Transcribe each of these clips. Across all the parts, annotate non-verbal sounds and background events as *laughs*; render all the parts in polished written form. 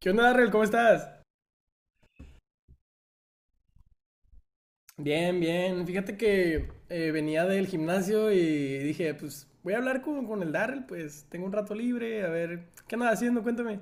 ¿Qué onda, Darrell? ¿Cómo estás? Bien, bien. Fíjate que venía del gimnasio y dije, pues voy a hablar con el Darrell, pues tengo un rato libre, a ver, ¿qué andas haciendo? Cuéntame.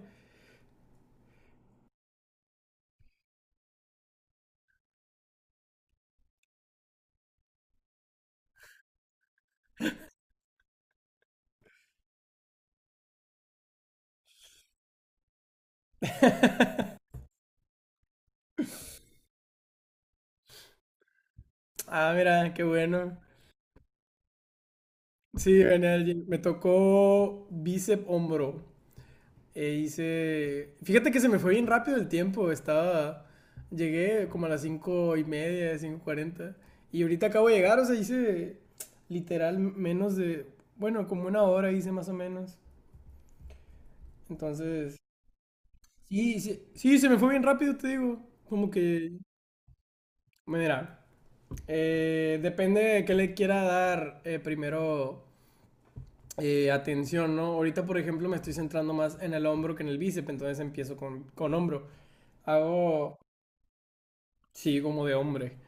Ah, mira, qué bueno. Sí, venía al gym. Me tocó bíceps hombro. E hice... Fíjate que se me fue bien rápido el tiempo, estaba... Llegué como a las 5:30, 5:40. Y ahorita acabo de llegar, o sea, hice literal menos de... Bueno, como 1 hora hice más o menos. Entonces, sí, sí, sí, se me fue bien rápido, te digo. Como que, mira, depende de qué le quiera dar primero atención, ¿no? Ahorita, por ejemplo, me estoy centrando más en el hombro que en el bíceps, entonces empiezo con hombro. Hago, sí, como de hombre,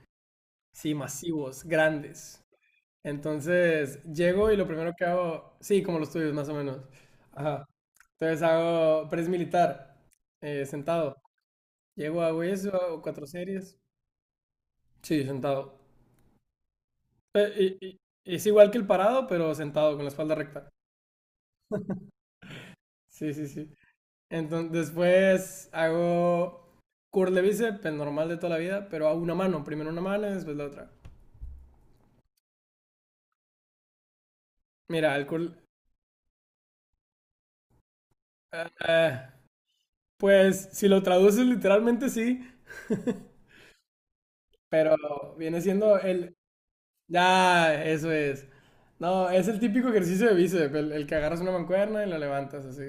sí, masivos, grandes. Entonces, llego y lo primero que hago, sí, como los tuyos, más o menos. Ajá. Entonces hago press militar, sentado. Llego, hago eso, hago cuatro series. Sí, sentado. Eh, y- y- es igual que el parado, pero sentado con la espalda recta. Sí, sí, sí. Entonces, después hago curl de bíceps, el normal de toda la vida, pero hago una mano, primero una mano y después la otra. Mira, el curl, ah, ah, pues si lo traduces literalmente sí, pero viene siendo el... Ya, eso es. No, es el típico ejercicio de bíceps, el que agarras una mancuerna y la levantas así.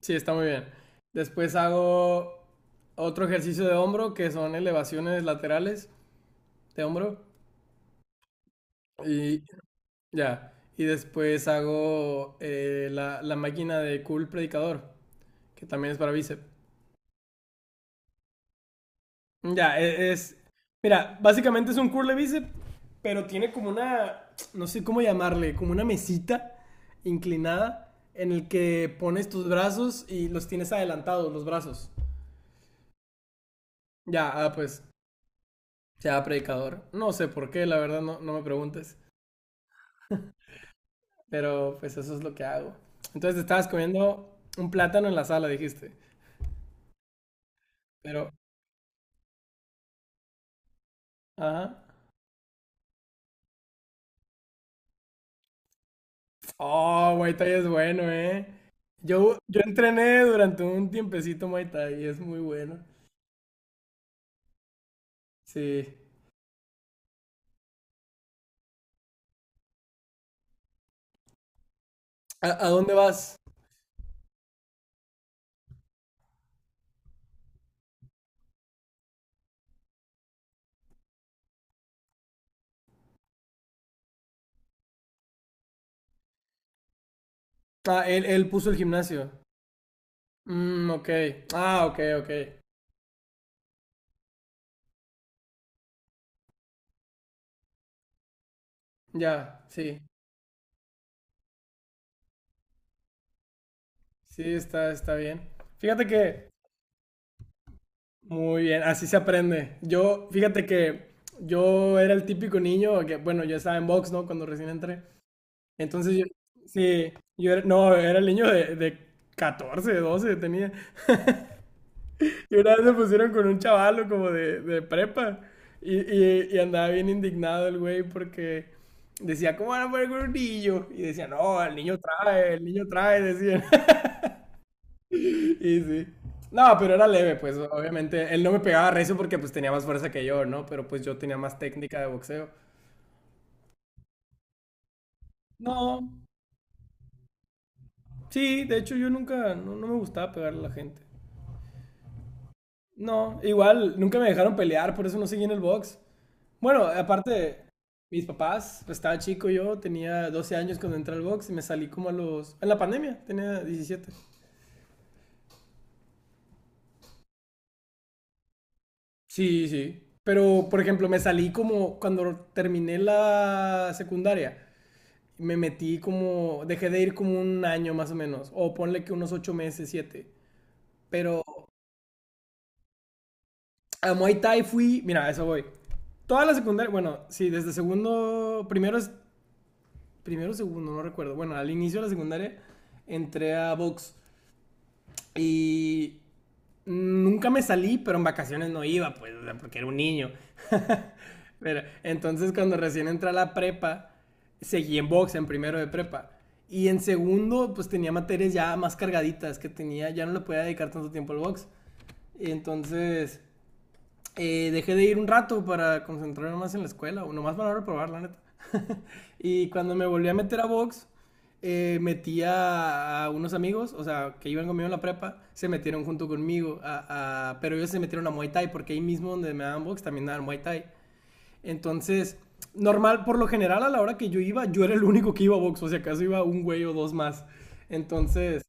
Sí, está muy bien. Después hago otro ejercicio de hombro, que son elevaciones laterales de hombro. Y ya. Y después hago la máquina de curl predicador, que también es para bíceps. Ya, es... Mira, básicamente es un curl de bíceps, pero tiene como una... No sé cómo llamarle, como una mesita inclinada en el que pones tus brazos y los tienes adelantados, los brazos. Ya, ah, pues sea predicador. No sé por qué, la verdad, no, no me preguntes. Pero pues eso es lo que hago. Entonces estabas comiendo un plátano en la sala, dijiste. Pero, ajá. Oh, Muay Thai es bueno, ¿eh? Yo entrené durante un tiempecito Muay Thai y es muy bueno. Sí. ¿A dónde vas? Ah, él puso el gimnasio. Mm, ok. Ah, ok, ok. Ya, sí. Sí, está, está bien. Fíjate que muy bien, así se aprende. Yo, fíjate que yo era el típico niño que, bueno, yo estaba en box, ¿no? Cuando recién entré. Entonces, yo, sí, yo era, no, era el niño de 14, 12 tenía. *laughs* Y una vez me pusieron con un chavalo como de prepa. Y andaba bien indignado el güey porque decía, ¿cómo van a poner con un niño? Y decía, no, el niño trae, decía. Y sí. No, pero era leve, pues obviamente. Él no me pegaba recio porque pues tenía más fuerza que yo, ¿no? Pero pues yo tenía más técnica de boxeo. No, sí, de hecho yo nunca, no, no me gustaba pegarle a la gente. No, igual, nunca me dejaron pelear, por eso no seguí en el box. Bueno, aparte, mis papás, pues estaba chico yo, tenía 12 años cuando entré al box y me salí como a los... En la pandemia, tenía 17. Sí, sí. Pero, por ejemplo, me salí como cuando terminé la secundaria. Me metí como, dejé de ir como un año más o menos, o ponle que unos 8 meses, 7. Pero a Muay Thai fui, mira, a eso voy. Toda la secundaria, bueno, sí, desde segundo, primero es, primero, segundo, no recuerdo. Bueno, al inicio de la secundaria entré a box y nunca me salí, pero en vacaciones no iba, pues, porque era un niño. *laughs* Mira, entonces cuando recién entré a la prepa, seguí en box en primero de prepa. Y en segundo, pues tenía materias ya más cargaditas que tenía, ya no le podía dedicar tanto tiempo al box. Y entonces dejé de ir un rato para concentrarme más en la escuela, o nomás para probar, la neta. *laughs* Y cuando me volví a meter a box, metí a unos amigos, o sea, que iban conmigo en la prepa, se metieron junto conmigo, pero ellos se metieron a Muay Thai, porque ahí mismo donde me daban box también daban Muay Thai. Entonces, normal, por lo general, a la hora que yo iba, yo era el único que iba a box, o si acaso iba un güey o dos más. Entonces,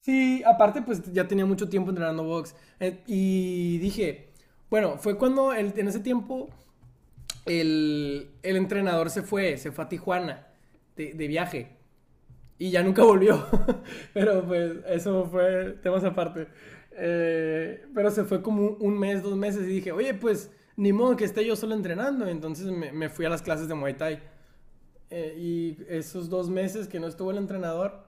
sí, aparte, pues ya tenía mucho tiempo entrenando box. Y dije, bueno, fue cuando en ese tiempo el entrenador se fue a Tijuana de viaje. Y ya nunca volvió. *laughs* Pero pues eso fue temas aparte. Pero se fue como un mes, 2 meses y dije, oye, pues ni modo que esté yo solo entrenando. Entonces me fui a las clases de Muay Thai. Y esos 2 meses que no estuvo el entrenador,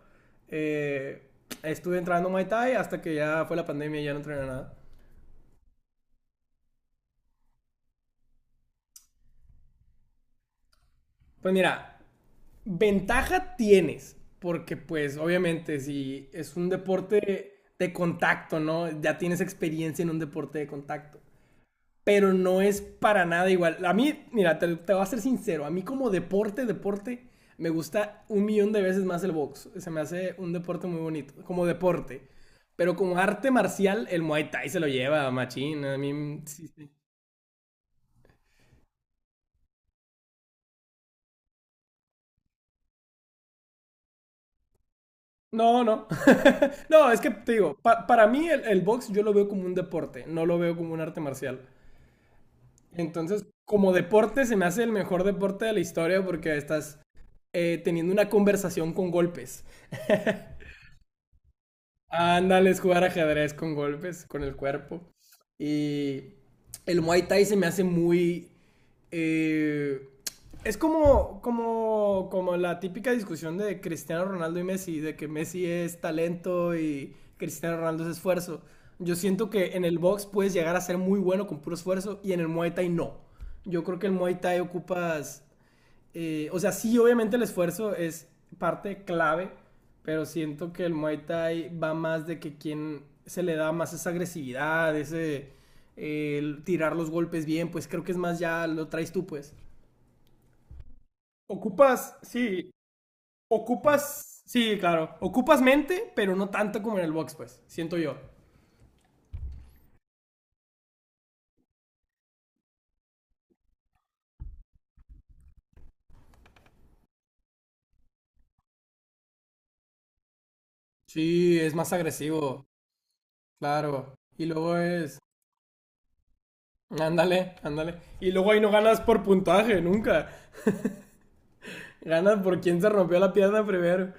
eh, estuve entrenando Muay Thai hasta que ya fue la pandemia y ya no entrené nada. Pues mira, ventaja tienes, porque pues obviamente si es un deporte de contacto, ¿no? Ya tienes experiencia en un deporte de contacto. Pero no es para nada igual. A mí, mira, te voy a ser sincero, a mí como deporte, deporte, me gusta un millón de veces más el box. Se me hace un deporte muy bonito, como deporte. Pero como arte marcial, el Muay Thai se lo lleva, machín. A mí, sí, sí. No, no. *laughs* No, es que te digo, pa- para mí el box yo lo veo como un deporte, no lo veo como un arte marcial. Entonces, como deporte, se me hace el mejor deporte de la historia porque estás teniendo una conversación con golpes. Ándale, es jugar ajedrez con golpes, con el cuerpo. Y el Muay Thai se me hace muy... eh, es como, como, como la típica discusión de Cristiano Ronaldo y Messi, de que Messi es talento y Cristiano Ronaldo es esfuerzo. Yo siento que en el box puedes llegar a ser muy bueno con puro esfuerzo y en el Muay Thai no. Yo creo que el Muay Thai ocupas o sea, sí, obviamente el esfuerzo es parte clave, pero siento que el Muay Thai va más de que quien se le da más esa agresividad, ese el tirar los golpes bien, pues creo que es más ya lo traes tú, pues. Ocupas, sí, ocupas, sí, claro, ocupas mente, pero no tanto como en el box, pues, siento yo. Sí, es más agresivo, claro. Y luego es, ándale, ándale. Y luego ahí no ganas por puntaje, nunca. Gana por quien se rompió la pierna primero.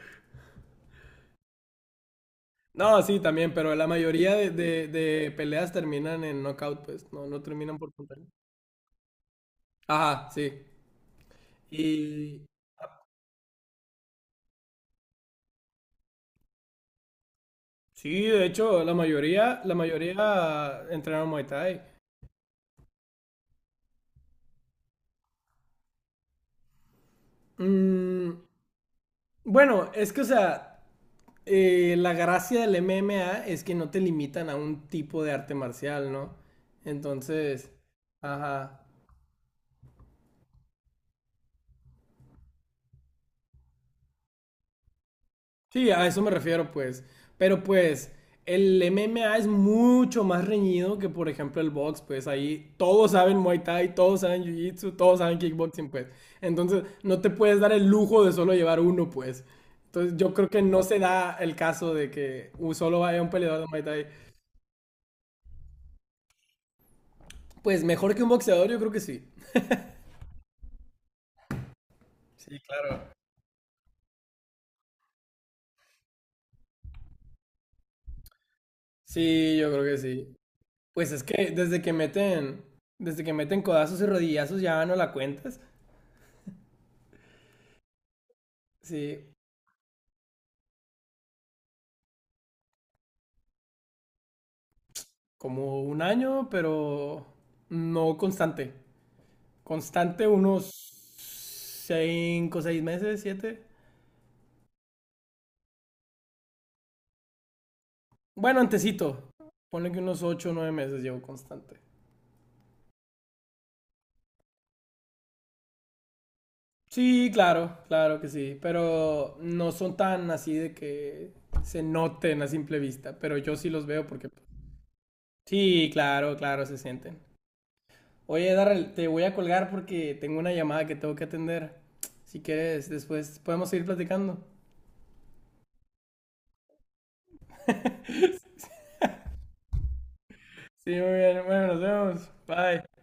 No, sí, también, pero la mayoría de peleas terminan en knockout, pues. No, no terminan por puntería. Ajá, sí. Y sí, de hecho, la mayoría entrenaron Muay Thai. Mm, bueno, es que, o sea, la gracia del MMA es que no te limitan a un tipo de arte marcial, ¿no? Entonces, ajá. Sí, a eso me refiero, pues. Pero pues, el MMA es mucho más reñido que, por ejemplo, el box, pues ahí todos saben Muay Thai, todos saben Jiu-Jitsu, todos saben kickboxing, pues. Entonces, no te puedes dar el lujo de solo llevar uno, pues. Entonces, yo creo que no se da el caso de que solo vaya un peleador de Muay Thai. Pues mejor que un boxeador, yo creo que sí. Sí, claro. Sí, yo creo que sí. Pues es que desde que meten codazos y rodillazos ya no la cuentas. Sí, como un año, pero no constante. Constante unos 5, 6 meses, 7. Bueno, antesito. Ponle que unos 8 o 9 meses llevo constante. Sí, claro, claro que sí. Pero no son tan así de que se noten a simple vista. Pero yo sí los veo porque... Sí, claro, claro, se sienten. Oye, Darrell, te voy a colgar porque tengo una llamada que tengo que atender. Si quieres, después podemos seguir platicando. Sí, muy bien. Bueno, nos vemos. Bye.